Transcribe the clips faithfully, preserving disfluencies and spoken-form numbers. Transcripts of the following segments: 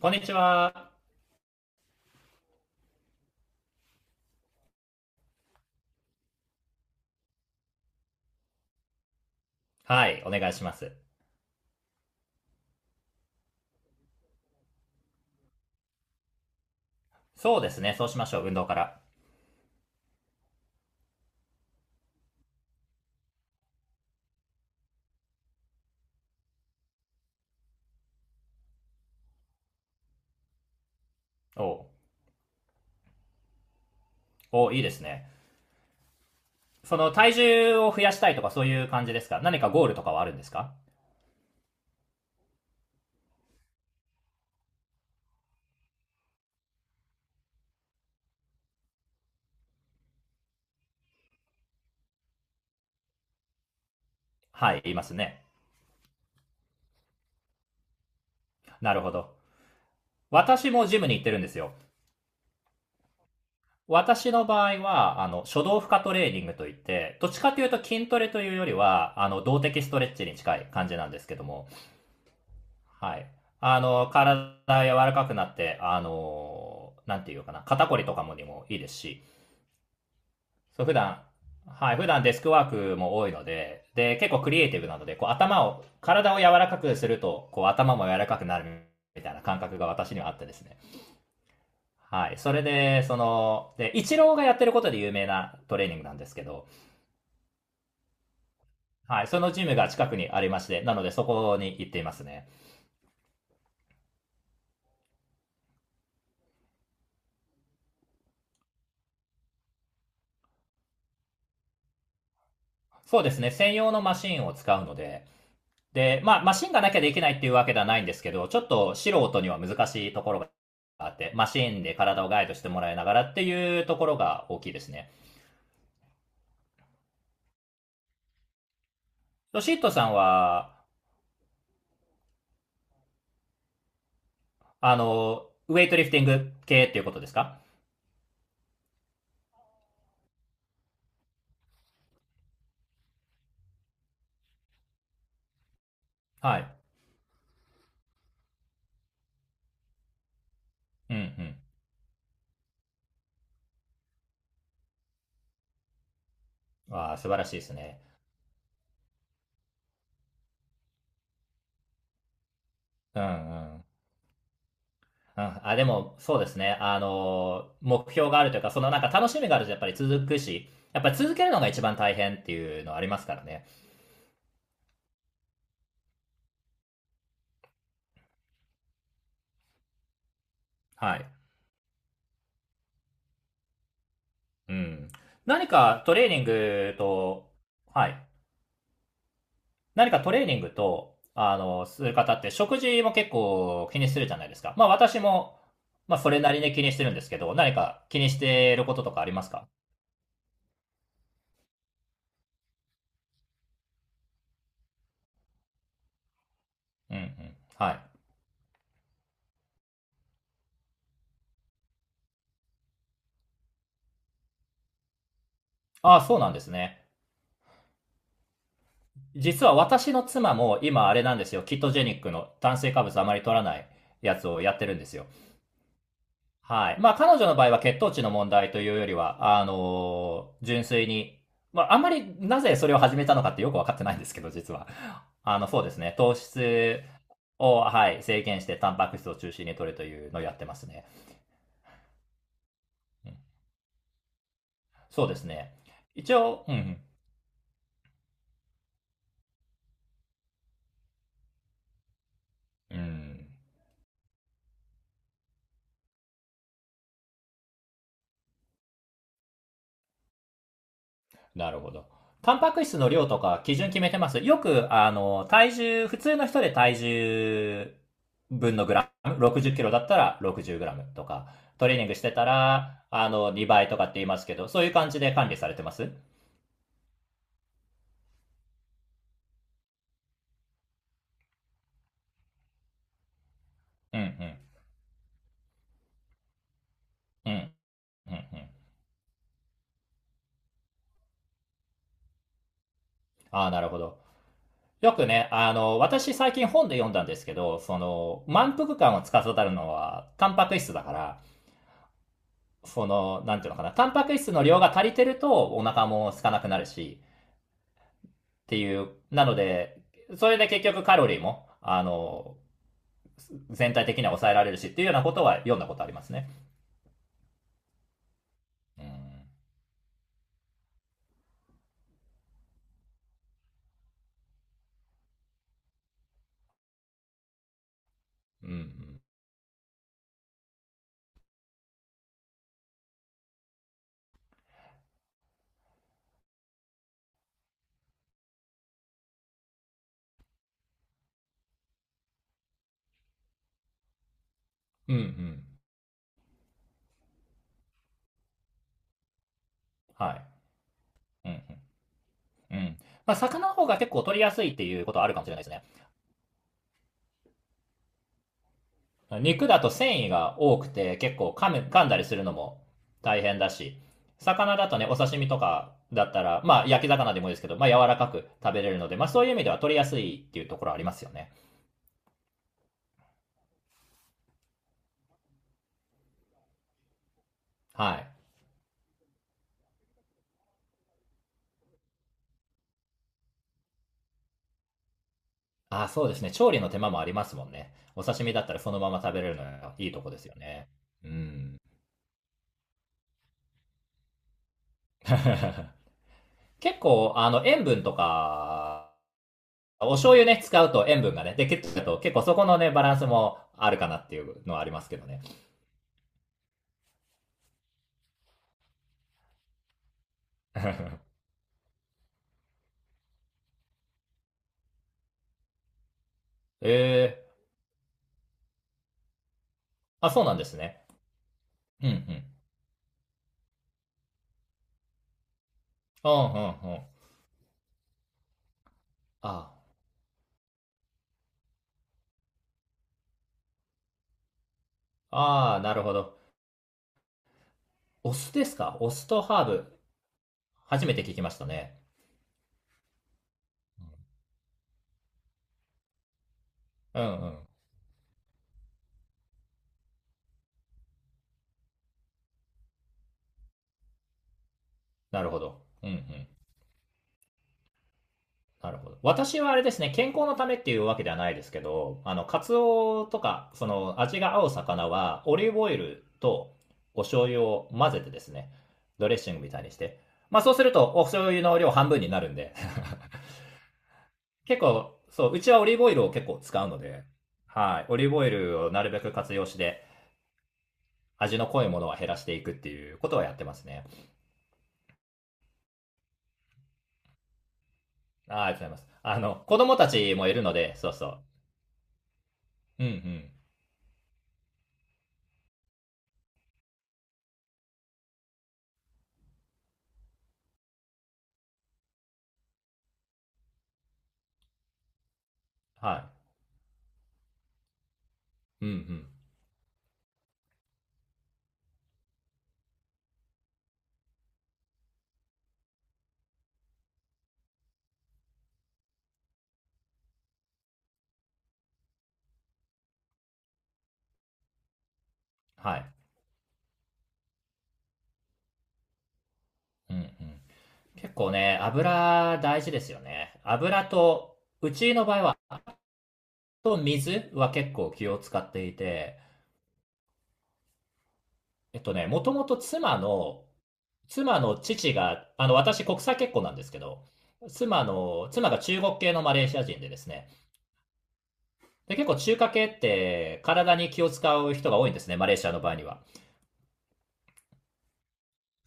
こんにちは。はい、お願いします。そうですね、そうしましょう、運動から。おうおういいですね。その、体重を増やしたいとかそういう感じですか？何かゴールとかはあるんですか？はい、いますね。なるほど。私もジムに行ってるんですよ。私の場合は、あの、初動負荷トレーニングといって、どっちかというと筋トレというよりは、あの、動的ストレッチに近い感じなんですけども、はい。あの、体柔らかくなって、あの、なんていうかな、肩こりとかもにもいいですし、そう、普段、はい、普段デスクワークも多いので、で、結構クリエイティブなので、こう頭を、体を柔らかくすると、こう頭も柔らかくなるみたいな感覚が私にはあってですね。はい。それで、その、で、イチローがやってることで有名なトレーニングなんですけど、はい。そのジムが近くにありまして、なのでそこに行っていますね。そうですね。専用のマシンを使うので、で、まあ、マシンがなきゃできないっていうわけではないんですけど、ちょっと素人には難しいところがあって、マシーンで体をガイドしてもらいながらっていうところが大きいですね。ロシットさんは、あの、ウェイトリフティング系っていうことですか？はい。うんうん。わあ、素晴らしいですね。うんうん。うん、あ、でも、そうですね。あの、目標があるというか、そのなんか楽しみがあるとやっぱり続くし、やっぱり続けるのが一番大変っていうのありますからね。はい。うん。何かトレーニングと、はい。何かトレーニングと、あの、する方って食事も結構気にするじゃないですか。まあ私も、まあそれなりに気にしてるんですけど、何か気にしていることとかありますか？うんうん。はい。ああ、そうなんですね。実は私の妻も今あれなんですよ。キットジェニックの炭水化物あまり取らないやつをやってるんですよ。はい。まあ彼女の場合は血糖値の問題というよりは、あのー純粋に、まああんまりなぜそれを始めたのかってよくわかってないんですけど、実は。あの、そうですね。糖質を、はい、制限してタンパク質を中心に摂るというのをやってますね。うん、そうですね。一応、うん、うん、なるほど。タンパク質の量とか基準決めてます？よく、あの、体重、普通の人で体重分のグラム、ろくじゅっキロだったらろくじゅうグラムとか、トレーニングしてたら、あの、にばいとかって言いますけど、そういう感じで管理されてます？うんうん。うん、うん、うん。ああ、なるほど。よくね、あの、私最近本で読んだんですけど、その、満腹感を司るのは、タンパク質だから、その、なんていうのかな、タンパク質の量が足りてると、お腹も空かなくなるし、っていう、なので、それで結局カロリーも、あの、全体的には抑えられるし、っていうようなことは読んだことありますね。うん。うん、うん。うん、うん。はい。うん、うん。うん。まあ、魚の方が結構取りやすいっていうことはあるかもしれないですね。肉だと繊維が多くて結構噛む、噛んだりするのも大変だし、魚だとね、お刺身とかだったら、まあ焼き魚でもいいですけど、まあ柔らかく食べれるので、まあそういう意味では取りやすいっていうところありますよね。はい。ああ、そうですね。調理の手間もありますもんね。お刺身だったらそのまま食べれるのはいいとこですよね。うん。結構、あの、塩分とか、お醤油ね、使うと塩分がね、で、結構、結構そこのね、バランスもあるかなっていうのはありますけどね。ええ、あ、そうなんですね。うんうん。うんうんうん。ああ、あーなるほど。お酢ですか？お酢とハーブ。初めて聞きましたね。うんうん。なるほど。うんうん。なるほど。私はあれですね、健康のためっていうわけではないですけど、あの、カツオとか、その、味が合う魚は、オリーブオイルとお醤油を混ぜてですね、ドレッシングみたいにして。まあそうすると、お醤油の量半分になるんで結構、そう、うちはオリーブオイルを結構使うので、はい。オリーブオイルをなるべく活用して、味の濃いものは減らしていくっていうことはやってますね。あ、ありがとうございます。あの、子供たちもいるので、そうそう。うんうん。はい。うんうん。はい。うんうん。結構ね、油大事ですよね。油と、うちの場合は、と水は結構気を使っていて、えっとね、もともと妻の妻の父が、あの、私国際結婚なんですけど、妻の、妻が中国系のマレーシア人でですね。で、結構中華系って体に気を使う人が多いんですね、マレーシアの場合には。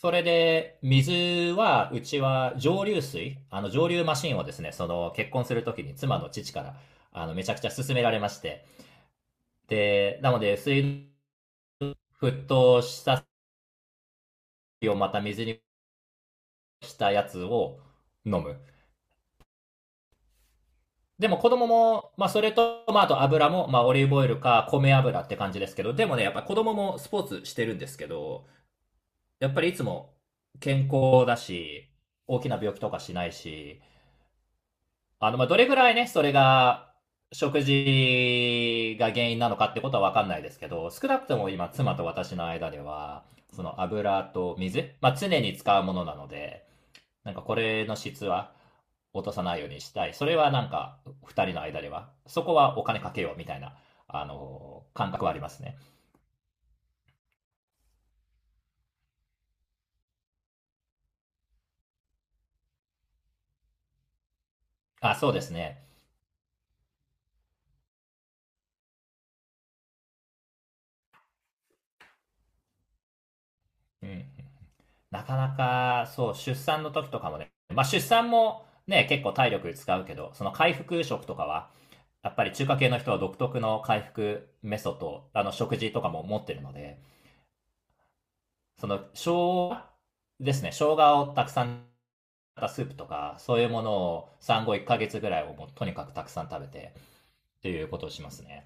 それで、水は、うちは蒸留水、あの蒸留マシンをですね、その結婚するときに妻の父から、あの、めちゃくちゃ勧められまして。で、なので、水、沸騰した水をまた水にしたやつを飲む。でも子供も、まあそれと、まああと油も、まあオリーブオイルか米油って感じですけど、でもね、やっぱ子供もスポーツしてるんですけど、やっぱりいつも健康だし、大きな病気とかしないし、あの、まあどれぐらいね、それが食事が原因なのかってことはわかんないですけど、少なくとも今妻と私の間では、その油と水、まあ常に使うものなので、なんかこれの質は落とさないようにしたい。それはなんかふたりの間では、そこはお金かけようみたいな、あのー感覚はありますね。あ、そうですね。うん。なかなか、そう、出産の時とかもね、まあ出産もね、結構体力使うけど、その回復食とかは、やっぱり中華系の人は独特の回復メソッド、あの食事とかも持ってるので、その生姜ですね、生姜をたくさんったスープとか、そういうものを産後いっかげつぐらいをもうとにかくたくさん食べてっていうことをしますね。